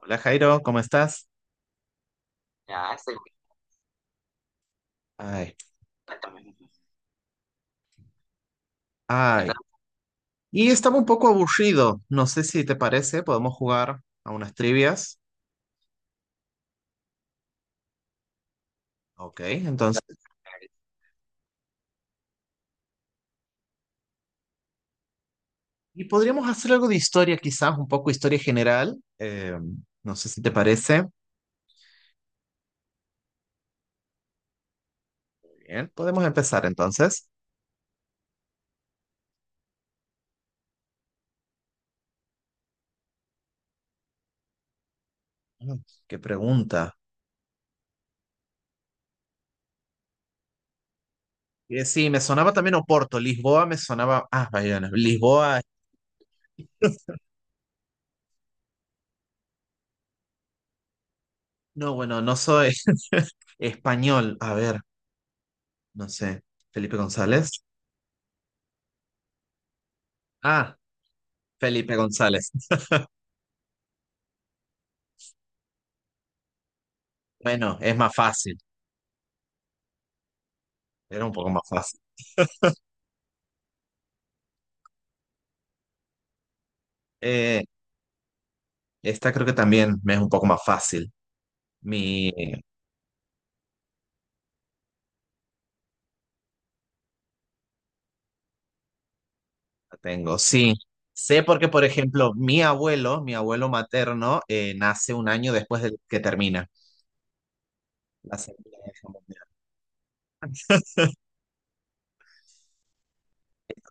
Hola Jairo, ¿cómo estás? Ay, ¿Qué tal? Ay. Tal? Y estaba un poco aburrido. No sé si te parece, podemos jugar a unas trivias. Ok, entonces. Y podríamos hacer algo de historia, quizás, un poco historia general. No sé si te parece. Bien, podemos empezar entonces. Mm, Qué pregunta. Sí, me sonaba también Oporto. Lisboa me sonaba. Ah, Bayona. Lisboa. No, bueno, no soy español. A ver, no sé. Felipe González. Ah, Felipe González. Bueno, es más fácil, era un poco más fácil. Eh, Esta creo que también me es un poco más fácil. La tengo, sí. Sé porque, por ejemplo, mi abuelo materno, nace un año después de que termina la Segunda Guerra Mundial.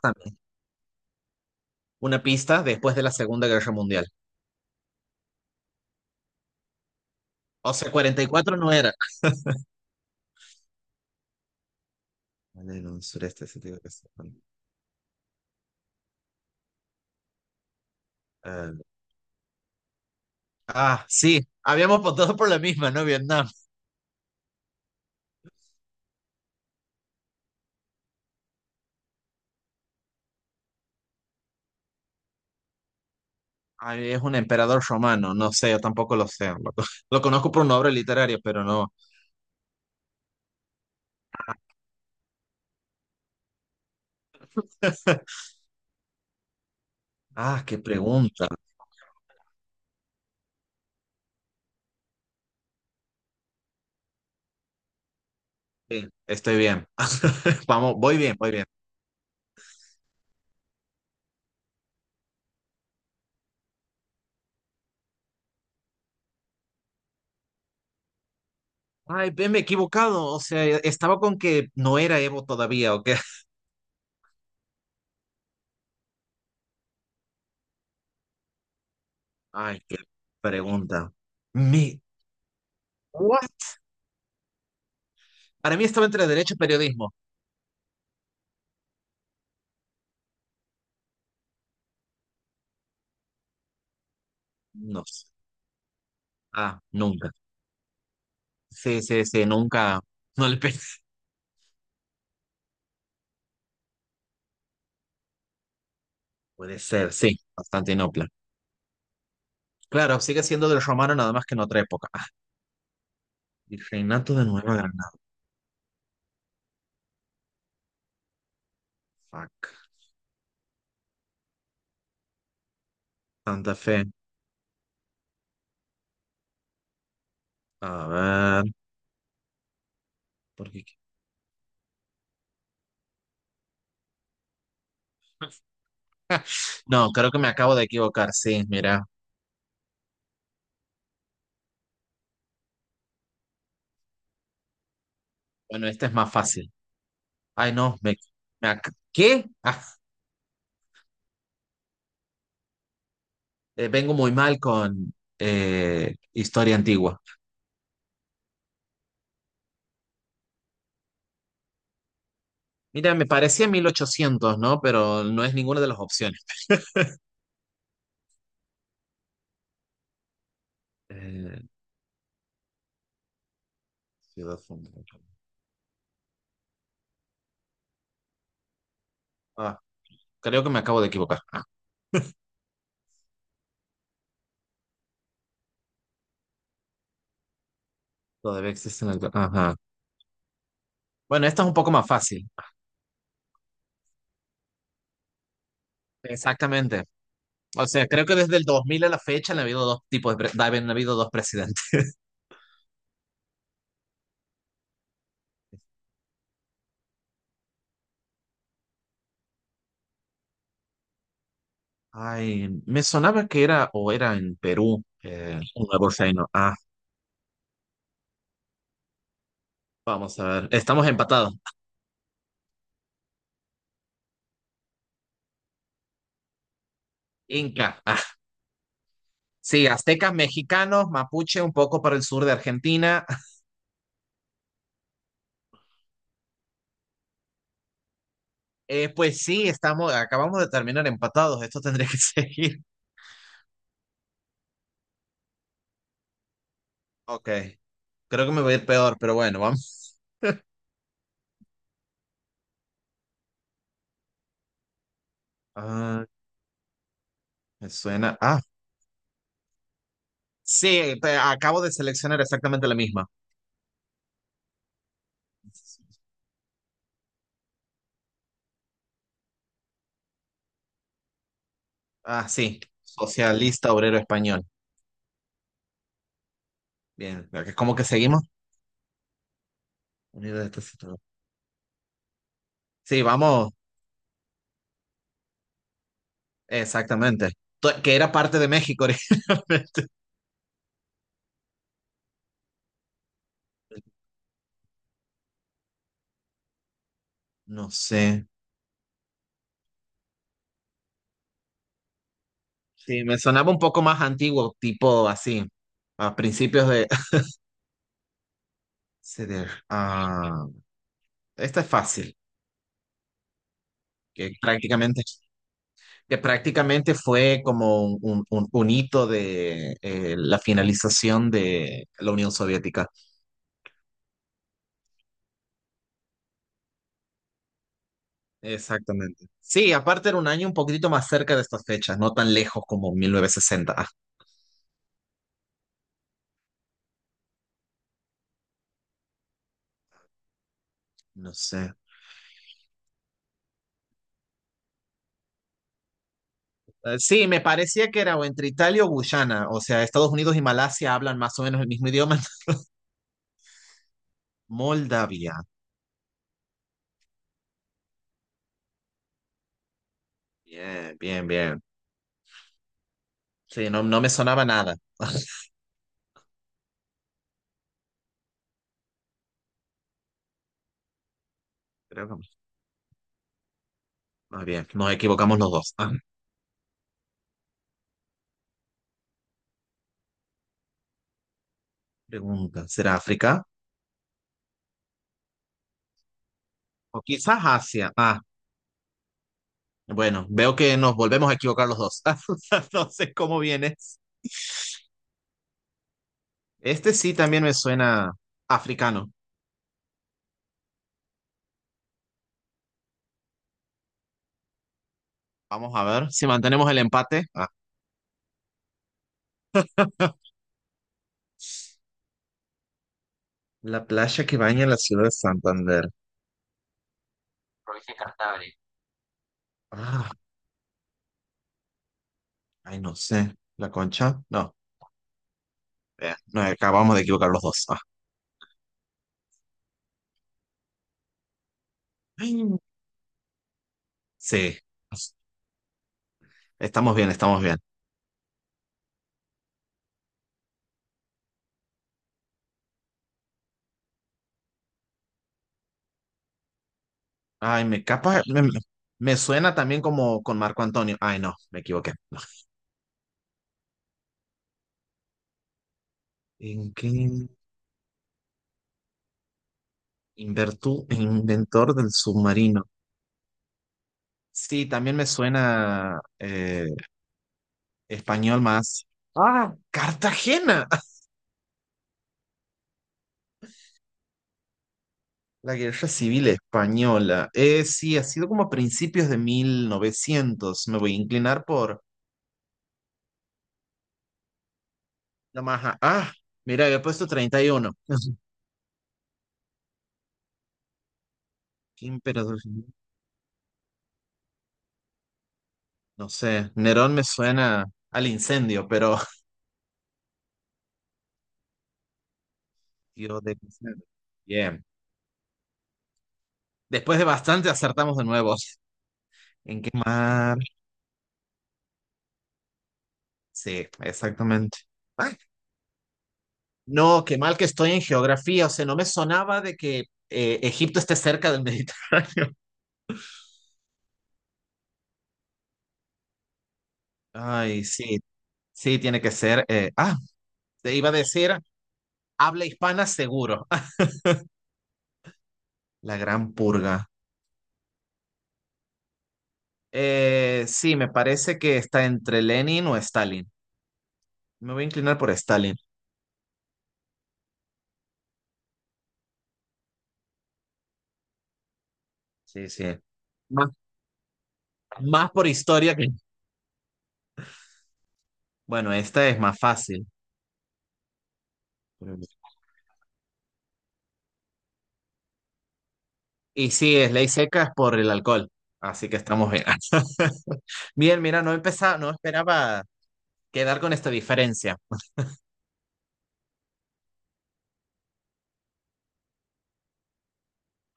También. Una pista después de la Segunda Guerra Mundial. O sea, 44 no era. Vale, en un sureste asiático. Eh, Ah, sí, habíamos votado por la misma, ¿no? Vietnam. Ay, es un emperador romano, no sé, yo tampoco lo sé. Lo conozco por una obra literaria, pero no. Ah, qué pregunta. Sí, estoy bien. Vamos, voy bien, voy bien. Ay, ve, me he equivocado. O sea, estaba con que no era Evo todavía, ¿o qué? Ay, qué pregunta. Mi, What? Para mí estaba entre derecho y periodismo. No sé. Ah, nunca. Sí, sí, sí, nunca. No le pensé. Puede ser, sí, Constantinopla. Claro, sigue siendo del romano, nada más que en otra época. Ah, el reinato de Nueva Granada. Fuck. Santa Fe. A ver. ¿Por qué? No, creo que me acabo de equivocar. Sí, mira. Bueno, este es más fácil. Ay, no. ¿Qué? Ah, vengo muy mal con historia antigua. Mira, me parecía 1800, ¿no? Pero no es ninguna de las opciones. Eh, Ciudad fundadora. Ah, creo que me acabo de equivocar. Ah, todavía existe el. Ajá. Bueno, esta es un poco más fácil. Exactamente. O sea, creo que desde el 2000 a la fecha han habido dos presidentes. Ay, me sonaba que era o era en Perú, un nuevo reino. Ah, vamos a ver. Estamos empatados. Inca. Ah, sí, aztecas, mexicanos, mapuche, un poco para el sur de Argentina. Pues sí, acabamos de terminar empatados. Esto tendría que seguir. Ok, creo que me va a ir peor, pero bueno, vamos. Ah, me suena. Ah, sí, acabo de seleccionar exactamente la misma. Ah, sí. Socialista Obrero Español. Bien, ¿cómo que seguimos? Unido de estos. Sí, vamos, exactamente. Que era parte de México originalmente. No sé. Sí, me sonaba un poco más antiguo, tipo así, a principios de. Ceder. Ah, esta es fácil, que prácticamente, que prácticamente fue como un hito de la finalización de la Unión Soviética. Exactamente. Sí, aparte era un año un poquitito más cerca de estas fechas, no tan lejos como 1960. Ah, no sé. Sí, me parecía que era o entre Italia o Guyana, o sea, Estados Unidos y Malasia hablan más o menos el mismo idioma. Moldavia. Bien, bien, bien. Sí, no, no me sonaba nada. Creo que más bien, nos equivocamos los dos. Ah, pregunta, ¿será África? O quizás Asia. Ah, bueno, veo que nos volvemos a equivocar los dos. Entonces, ¿cómo vienes? Este sí también me suena africano. Vamos a ver si mantenemos el empate. Ah, la playa que baña la ciudad de Santander. Ah, ay, no sé. ¿La Concha? No. No, acabamos de equivocar los dos. Ah. Ay, sí. Estamos bien, estamos bien. Ay, me capa. Me suena también como con Marco Antonio. Ay, no, me equivoqué. No. ¿En qué? Inventor del submarino. Sí, también me suena español más. Ah, Cartagena. La guerra civil española. Sí, ha sido como a principios de 1900. Me voy a inclinar por la maja. Ah, mira, había puesto 31. ¿Qué emperador? No sé. Nerón me suena al incendio, pero. Dios de incendio. Bien. Después de bastante acertamos de nuevo. ¿En qué mar? Sí, exactamente. Ay, no, qué mal que estoy en geografía. O sea, no me sonaba de que Egipto esté cerca del Mediterráneo. Ay, sí. Sí, tiene que ser. Te iba a decir, habla hispana seguro. La gran purga. Sí, me parece que está entre Lenin o Stalin. Me voy a inclinar por Stalin. Sí, sí. Más por historia que. Bueno, esta es más fácil. Y sí, es ley seca, es por el alcohol. Así que estamos bien. Bien, mira, no esperaba quedar con esta diferencia.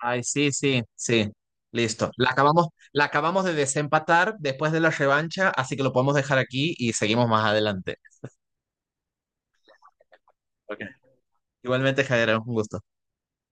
Ay, sí, sí, sí. Listo. La acabamos de desempatar después de la revancha, así que lo podemos dejar aquí y seguimos más adelante. Igualmente, Javier, un gusto.